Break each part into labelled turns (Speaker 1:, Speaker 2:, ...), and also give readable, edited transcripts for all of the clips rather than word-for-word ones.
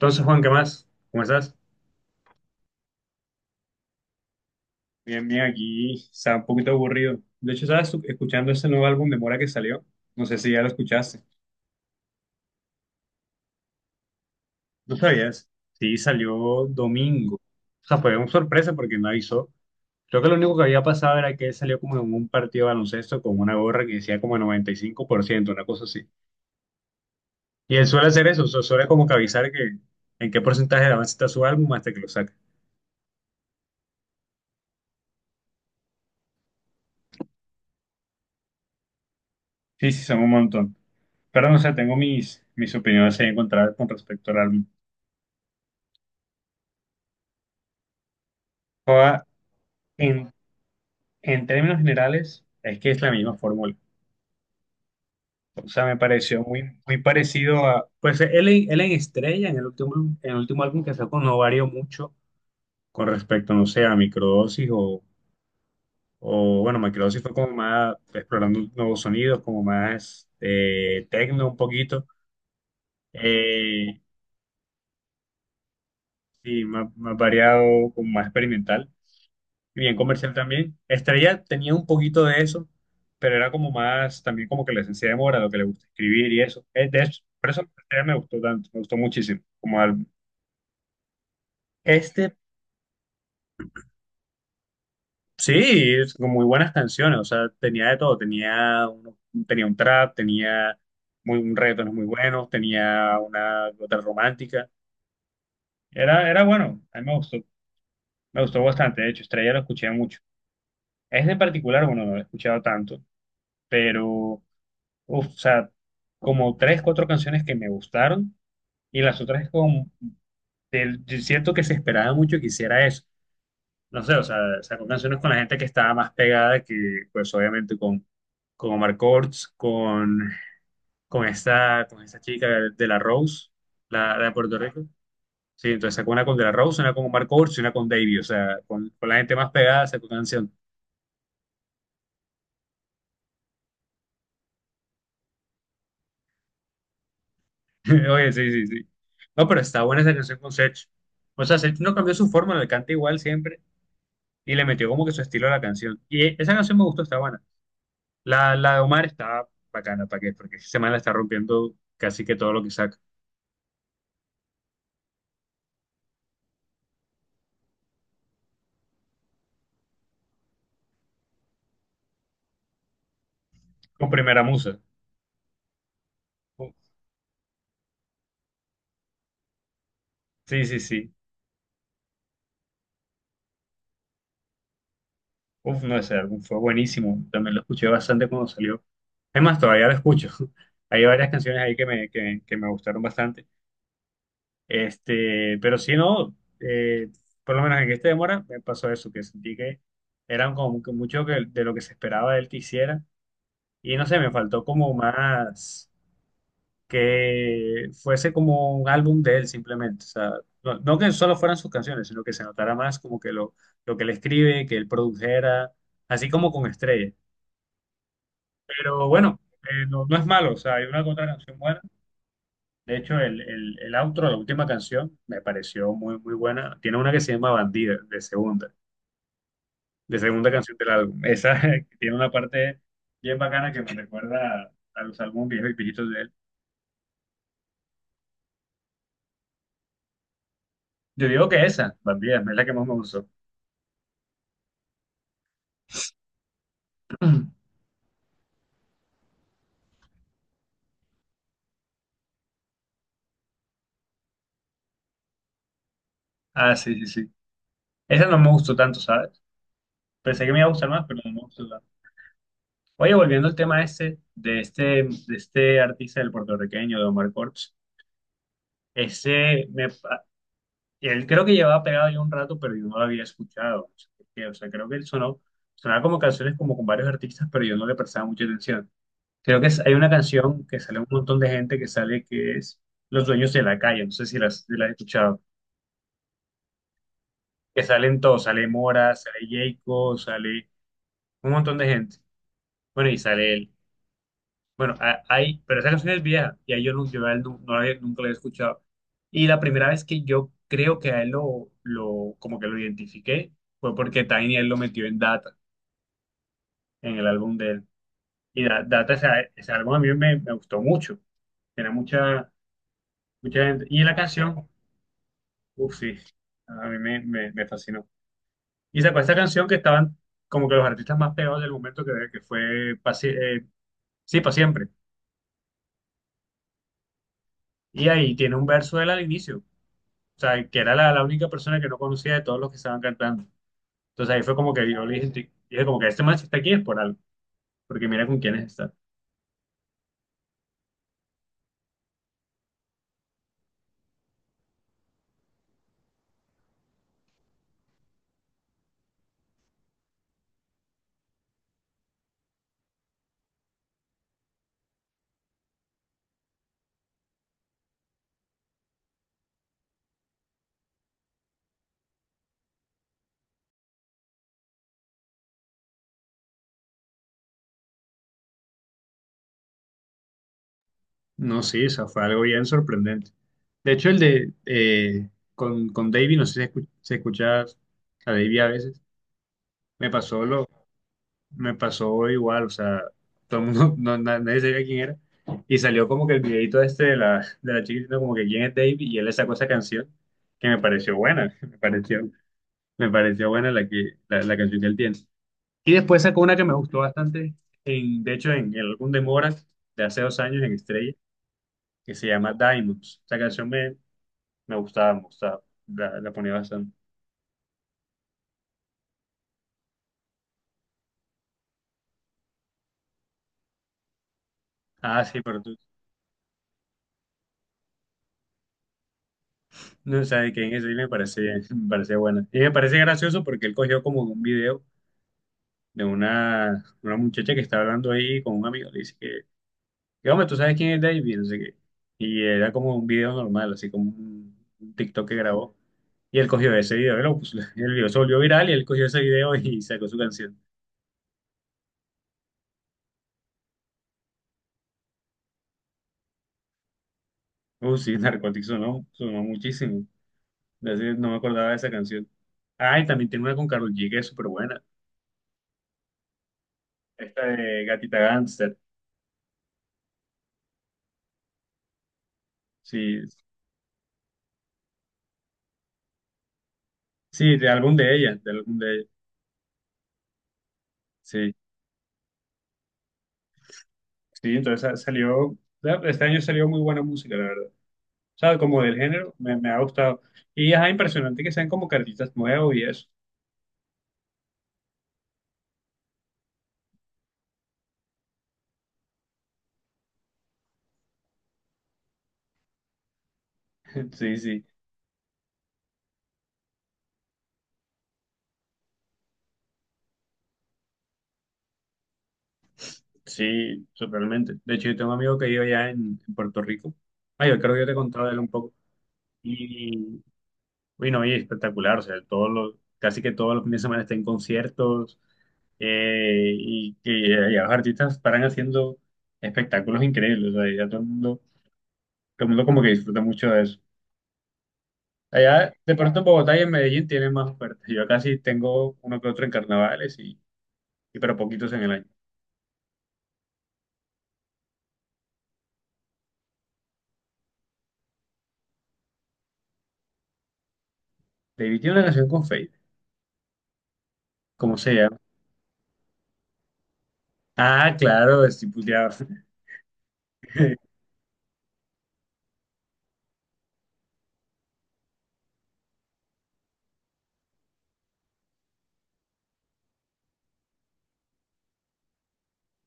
Speaker 1: Entonces, Juan, ¿qué más? ¿Cómo estás? Bien, bien, aquí está un poquito aburrido. De hecho, estaba escuchando ese nuevo álbum de Mora que salió. No sé si ya lo escuchaste. ¿No sabías? Sí, salió domingo. O sea, fue una sorpresa porque no avisó. Creo que lo único que había pasado era que él salió como en un partido de baloncesto con una gorra que decía como 95%, una cosa así. Y él suele hacer eso, o sea, suele como que avisar que en qué porcentaje de avance está su álbum hasta que lo saca. Sí, sí, son un montón. Pero no sé, tengo mis opiniones ahí encontradas con respecto al álbum. En, en términos generales, es que es la misma fórmula. O sea, me pareció muy, muy parecido a. Pues él, él en Estrella, en el último álbum que sacó, no varió mucho con respecto, no sé, a Microdosis o, bueno, Microdosis fue como más explorando nuevos sonidos, como más techno un poquito, eh, y más variado, como más experimental. Bien comercial también. Estrella tenía un poquito de eso, pero era como más, también como que la esencia de Mora, lo que le gusta escribir y eso. De hecho, por eso Estrella me gustó tanto, me gustó muchísimo como álbum. Este, sí, es con muy buenas canciones, o sea, tenía de todo, tenía un trap, tenía un reggaetón muy bueno, tenía una otra romántica. Era bueno, a mí me gustó, bastante, de hecho, Estrella lo escuché mucho. Este en particular, bueno, no lo he escuchado tanto, pero uf, o sea, como tres, cuatro canciones que me gustaron y las otras es como, yo siento que se esperaba mucho que hiciera eso. No sé, o sea, sacó canciones con la gente que estaba más pegada que, pues obviamente con Omar Courtz, con esta chica de la Rose, la de Puerto Rico. Sí, entonces sacó una con De La Rose, una con Omar Courtz y una con Davey, o sea, con la gente más pegada sacó canción. Oye, sí, sí, sí. No, pero está buena esa canción con Sech. O sea, Sech no cambió su forma, le canta igual siempre y le metió como que su estilo a la canción. Y esa canción me gustó, está buena. La de Omar está bacana, ¿para qué? Porque ese man la está rompiendo casi que todo lo que saca. Con Primera Musa. Uf, sí, sí, sí. Uf, no, ese álbum fue buenísimo. También lo escuché bastante cuando salió. Es más, todavía lo escucho. Hay varias canciones ahí que me gustaron bastante. Este, pero si no, eh, por lo menos en este demora me pasó eso, que sentí que eran como que mucho de lo que se esperaba de él que hiciera. Y no sé, me faltó como más que fuese como un álbum de él simplemente. O sea, no, no que solo fueran sus canciones, sino que se notara más como que lo que él escribe, que él produjera, así como con Estrella. Pero bueno, no, no es malo, o sea, hay una que otra canción buena. De hecho, el outro, la última canción, me pareció muy, muy buena. Tiene una que se llama Bandida, de segunda canción del álbum. Esa que tiene una parte bien bacana que me recuerda a los álbumes viejos y viejitos de él. Yo digo que esa, Bandida, es la que más me gustó. Ah, sí, sí, sí. Esa no me gustó tanto, ¿sabes? Pensé que me iba a gustar más, pero no me gustó tanto. Oye, volviendo al tema este, de este artista del puertorriqueño, de Omar Cortés, ese, me, él creo que llevaba pegado ya un rato, pero yo no lo había escuchado. No sé por qué. O sea, creo que él sonaba como canciones como con varios artistas, pero yo no le prestaba mucha atención. Creo que hay una canción que sale un montón de gente que sale que es Los Dueños de la Calle, no sé si la has escuchado, que salen todos, sale Mora, sale Jayco, sale un montón de gente. Bueno, y sale él. Bueno, hay, pero esa canción es vieja y ahí yo a él nunca la había escuchado. Y la primera vez que yo creo que a él lo, como que lo identifiqué fue porque Tiny él lo metió en Data, en el álbum de él. Y Data, ese álbum a mí me gustó mucho. Era mucha, mucha gente. Y la canción, uff, sí, a mí me fascinó. Y sacó esta canción que estaban como que los artistas más pegados del momento que fue, sí, para siempre. Y ahí tiene un verso de él al inicio. O sea, que era la única persona que no conocía de todos los que estaban cantando. Entonces ahí fue como que yo dije como que este man si está aquí es por algo, porque mira con quiénes está. No, sí, o sea, fue algo bien sorprendente. De hecho, el de con, Davey, no sé si si escuchas a Davey a veces, me pasó igual, o sea, todo el mundo, no, nadie sabía quién era. Y salió como que el videito este de la chiquitita, como que quién es Davey, y él le sacó esa canción que me pareció buena, me pareció. Me pareció buena la canción que él tiene. Y después sacó una que me gustó bastante, de hecho, en el álbum de Morat de hace dos años en Estrella, que se llama Diamonds. Esa canción me gustaba, la ponía bastante. Ah, sí, pero tú no sabes quién es, y me parecía, me parecía buena. Y me parece gracioso porque él cogió como un video de una muchacha que estaba hablando ahí con un amigo, le dice que, hombre, ¿tú sabes quién es David? No sé qué. Y era como un video normal, así como un TikTok que grabó. Y él cogió ese video, y el video se volvió viral y él cogió ese video y sacó su canción. Sí, Narcotics sonó muchísimo. No me acordaba de esa canción. Ah, y también tiene una con Karol G que es súper buena. Esta de Gatita Gangster. Sí, sí, de álbum de ella, de álbum de ella. Sí, sí, entonces salió, este año salió muy buena música, la verdad. O sea, como del género, me ha gustado. Y es impresionante que sean como que artistas nuevos y eso. Sí, sí. Sí, totalmente. De hecho, yo tengo un amigo que vive allá en, Puerto Rico. Ah, yo creo que yo te contaba de él un poco. Y, uy, no, y espectacular. O sea, casi que todos los fines de semana está en conciertos, y que allá los artistas paran haciendo espectáculos increíbles. O sea, ya todo el mundo como que disfruta mucho de eso. Allá, de pronto en Bogotá y en Medellín tienen más ofertas. Yo casi tengo uno que otro en carnavales y pero poquitos en el año. David tiene una canción con Feid. ¿Cómo se llama? Ah, claro, estoy puteado.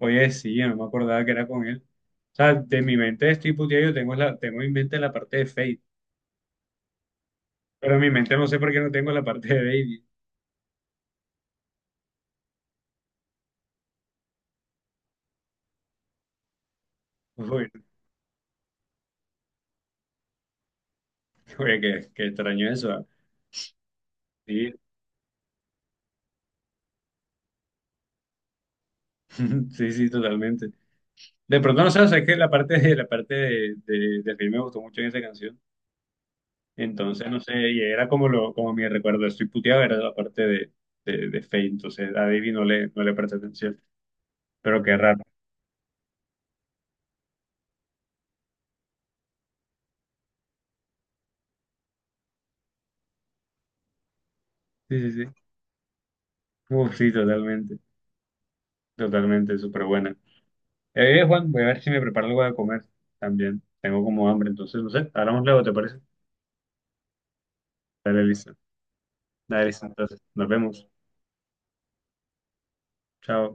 Speaker 1: Oye, sí, yo no me acordaba que era con él. O sea, de mi mente estoy puteado, tengo en mente la parte de Fate, pero en mi mente no sé por qué no tengo la parte de Baby. Uy, oye, qué extraño eso. Ah. Sí, sí, sí, totalmente. De pronto, no sé, o sea, es que la parte de Fate me gustó mucho en esa canción. Entonces, no sé, y era como, como mi recuerdo, estoy puteado, era la parte de Fate, entonces a Baby no le presté atención, pero qué raro. Sí, sí, sí. Uf, sí, totalmente, totalmente, súper buena. Juan, voy a ver si me preparo algo de comer también. Tengo como hambre, entonces no sé. Hablamos luego, ¿te parece? Dale, listo. Dale, listo. Entonces, nos vemos. Chao.